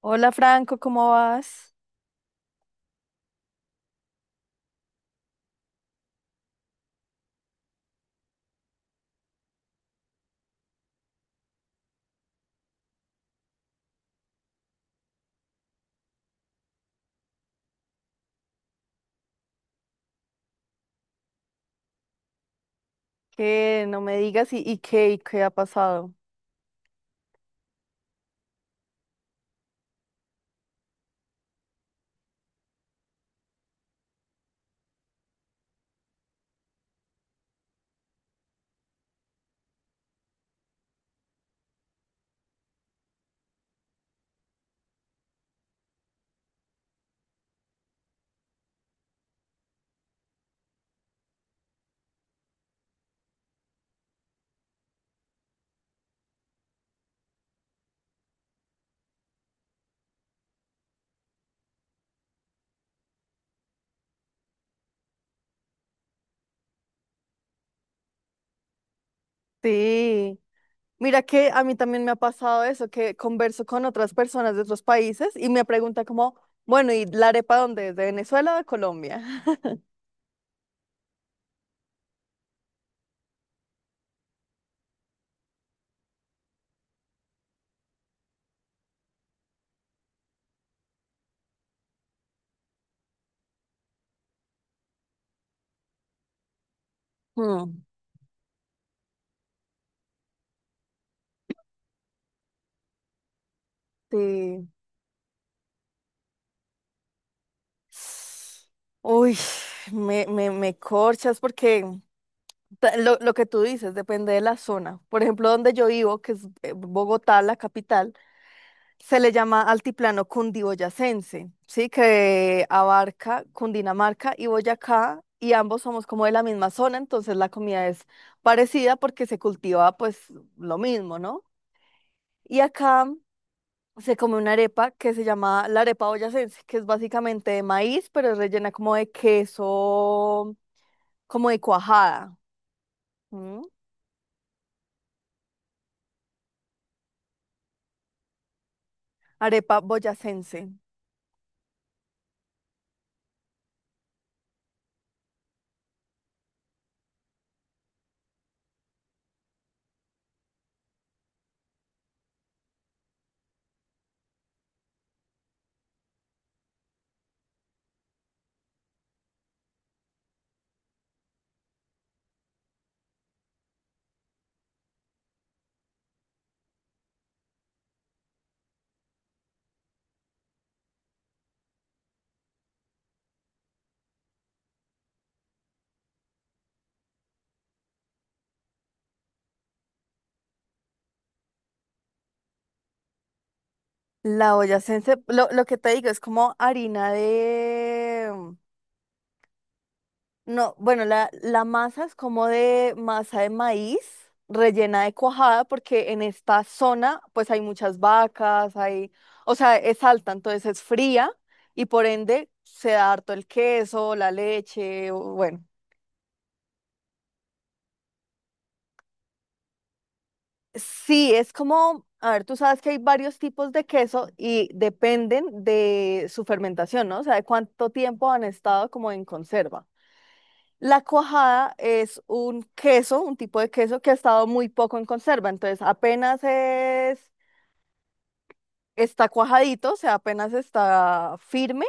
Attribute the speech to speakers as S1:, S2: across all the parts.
S1: Hola Franco, ¿cómo vas? Que no me digas y qué y qué ha pasado. Sí, mira que a mí también me ha pasado eso, que converso con otras personas de otros países y me pregunta como, bueno, ¿y la arepa dónde es? ¿De Venezuela o de Colombia? Mm, sí. Uy, me corchas porque lo que tú dices depende de la zona. Por ejemplo, donde yo vivo, que es Bogotá, la capital. Se le llama altiplano cundiboyacense, ¿sí? Que abarca Cundinamarca y Boyacá, y ambos somos como de la misma zona, entonces la comida es parecida porque se cultiva pues lo mismo, ¿no? Y acá se come una arepa que se llama la arepa boyacense, que es básicamente de maíz, pero es rellena como de queso, como de cuajada, ¿m? Arepa boyacense. La boyacense, lo que te digo, es como harina de... No, bueno, la masa es como de masa de maíz rellena de cuajada, porque en esta zona pues hay muchas vacas, hay, o sea, es alta, entonces es fría y por ende se da harto el queso, la leche, bueno. Sí, es como, a ver, tú sabes que hay varios tipos de queso y dependen de su fermentación, ¿no? O sea, de cuánto tiempo han estado como en conserva. La cuajada es un queso, un tipo de queso que ha estado muy poco en conserva, entonces apenas es, está cuajadito, o sea, apenas está firme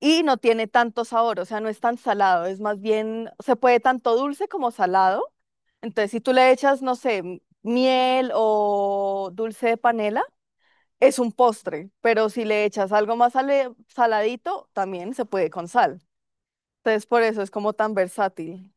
S1: y no tiene tanto sabor, o sea, no es tan salado, es más bien, se puede tanto dulce como salado, entonces si tú le echas, no sé, miel o dulce de panela, es un postre, pero si le echas algo más saladito, también se puede con sal, entonces por eso es como tan versátil.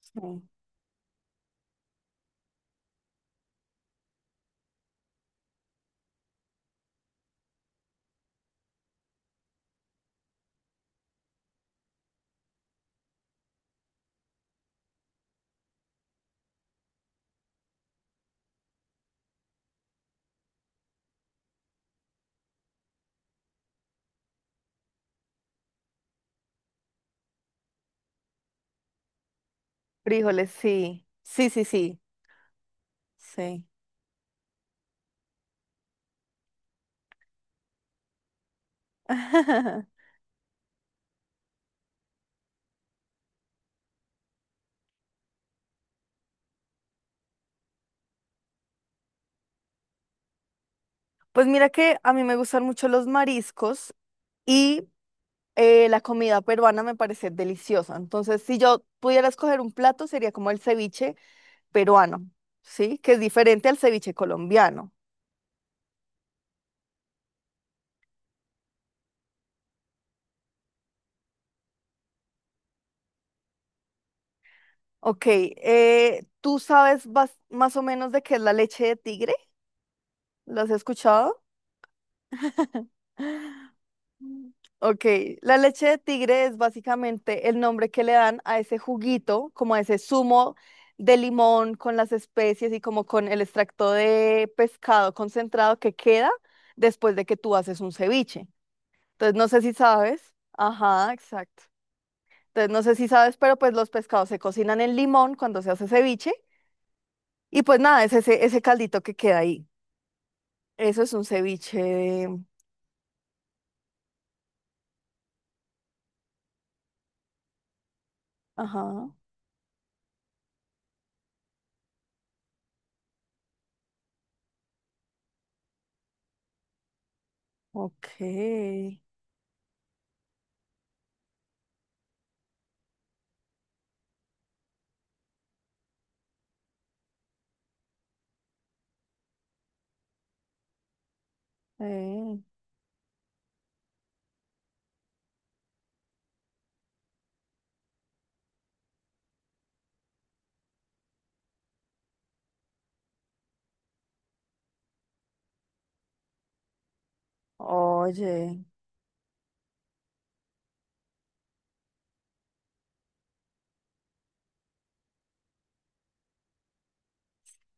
S1: Sí. Frijoles, sí. Sí, sí, sí. Sí. Pues mira que a mí me gustan mucho los mariscos y la comida peruana me parece deliciosa. Entonces, si yo pudiera escoger un plato, sería como el ceviche peruano, ¿sí? Que es diferente al ceviche colombiano. Ok, ¿tú sabes más o menos de qué es la leche de tigre? ¿Lo has escuchado? Ok, la leche de tigre es básicamente el nombre que le dan a ese juguito, como a ese zumo de limón con las especies y como con el extracto de pescado concentrado que queda después de que tú haces un ceviche. Entonces, no sé si sabes. Ajá, exacto. Entonces, no sé si sabes, pero pues los pescados se cocinan en limón cuando se hace ceviche y pues nada, es ese, ese caldito que queda ahí. Eso es un ceviche de... Ajá, ok. Eh. Oye.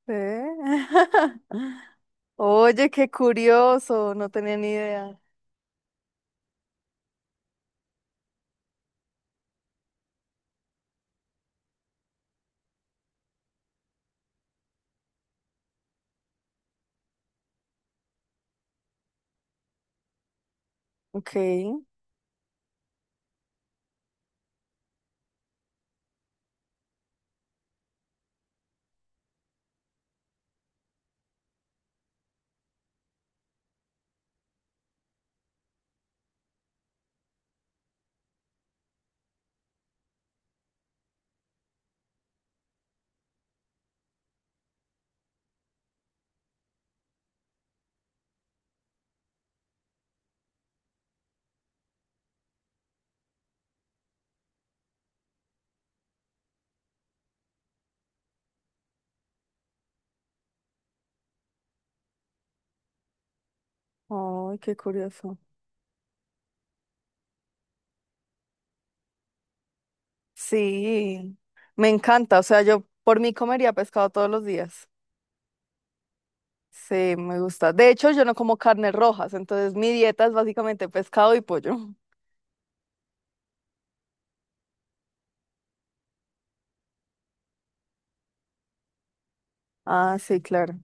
S1: ¿Eh? Oye, qué curioso, no tenía ni idea. Ok, ay, qué curioso. Sí, me encanta, o sea, yo por mí comería pescado todos los días. Sí, me gusta. De hecho, yo no como carnes rojas, entonces mi dieta es básicamente pescado y pollo. Ah, sí, claro.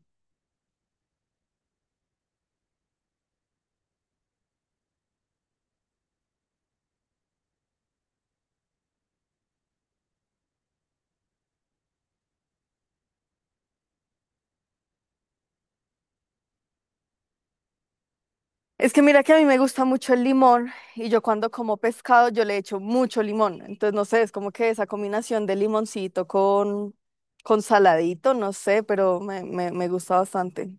S1: Es que mira que a mí me gusta mucho el limón y yo cuando como pescado yo le echo mucho limón. Entonces, no sé, es como que esa combinación de limoncito con saladito, no sé, pero me gusta bastante.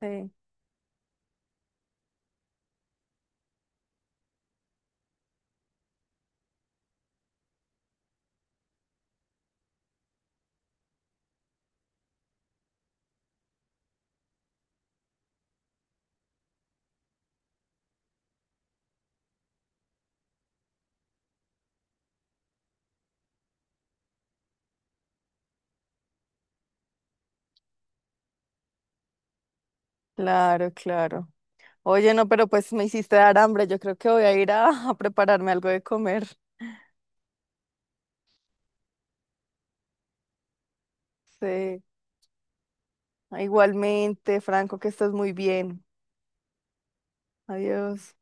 S1: Sí. Claro, claro. Oye, no, pero pues me hiciste dar hambre. Yo creo que voy a ir a, a prepararme algo de comer. Sí. Igualmente, Franco, que estés muy bien. Adiós.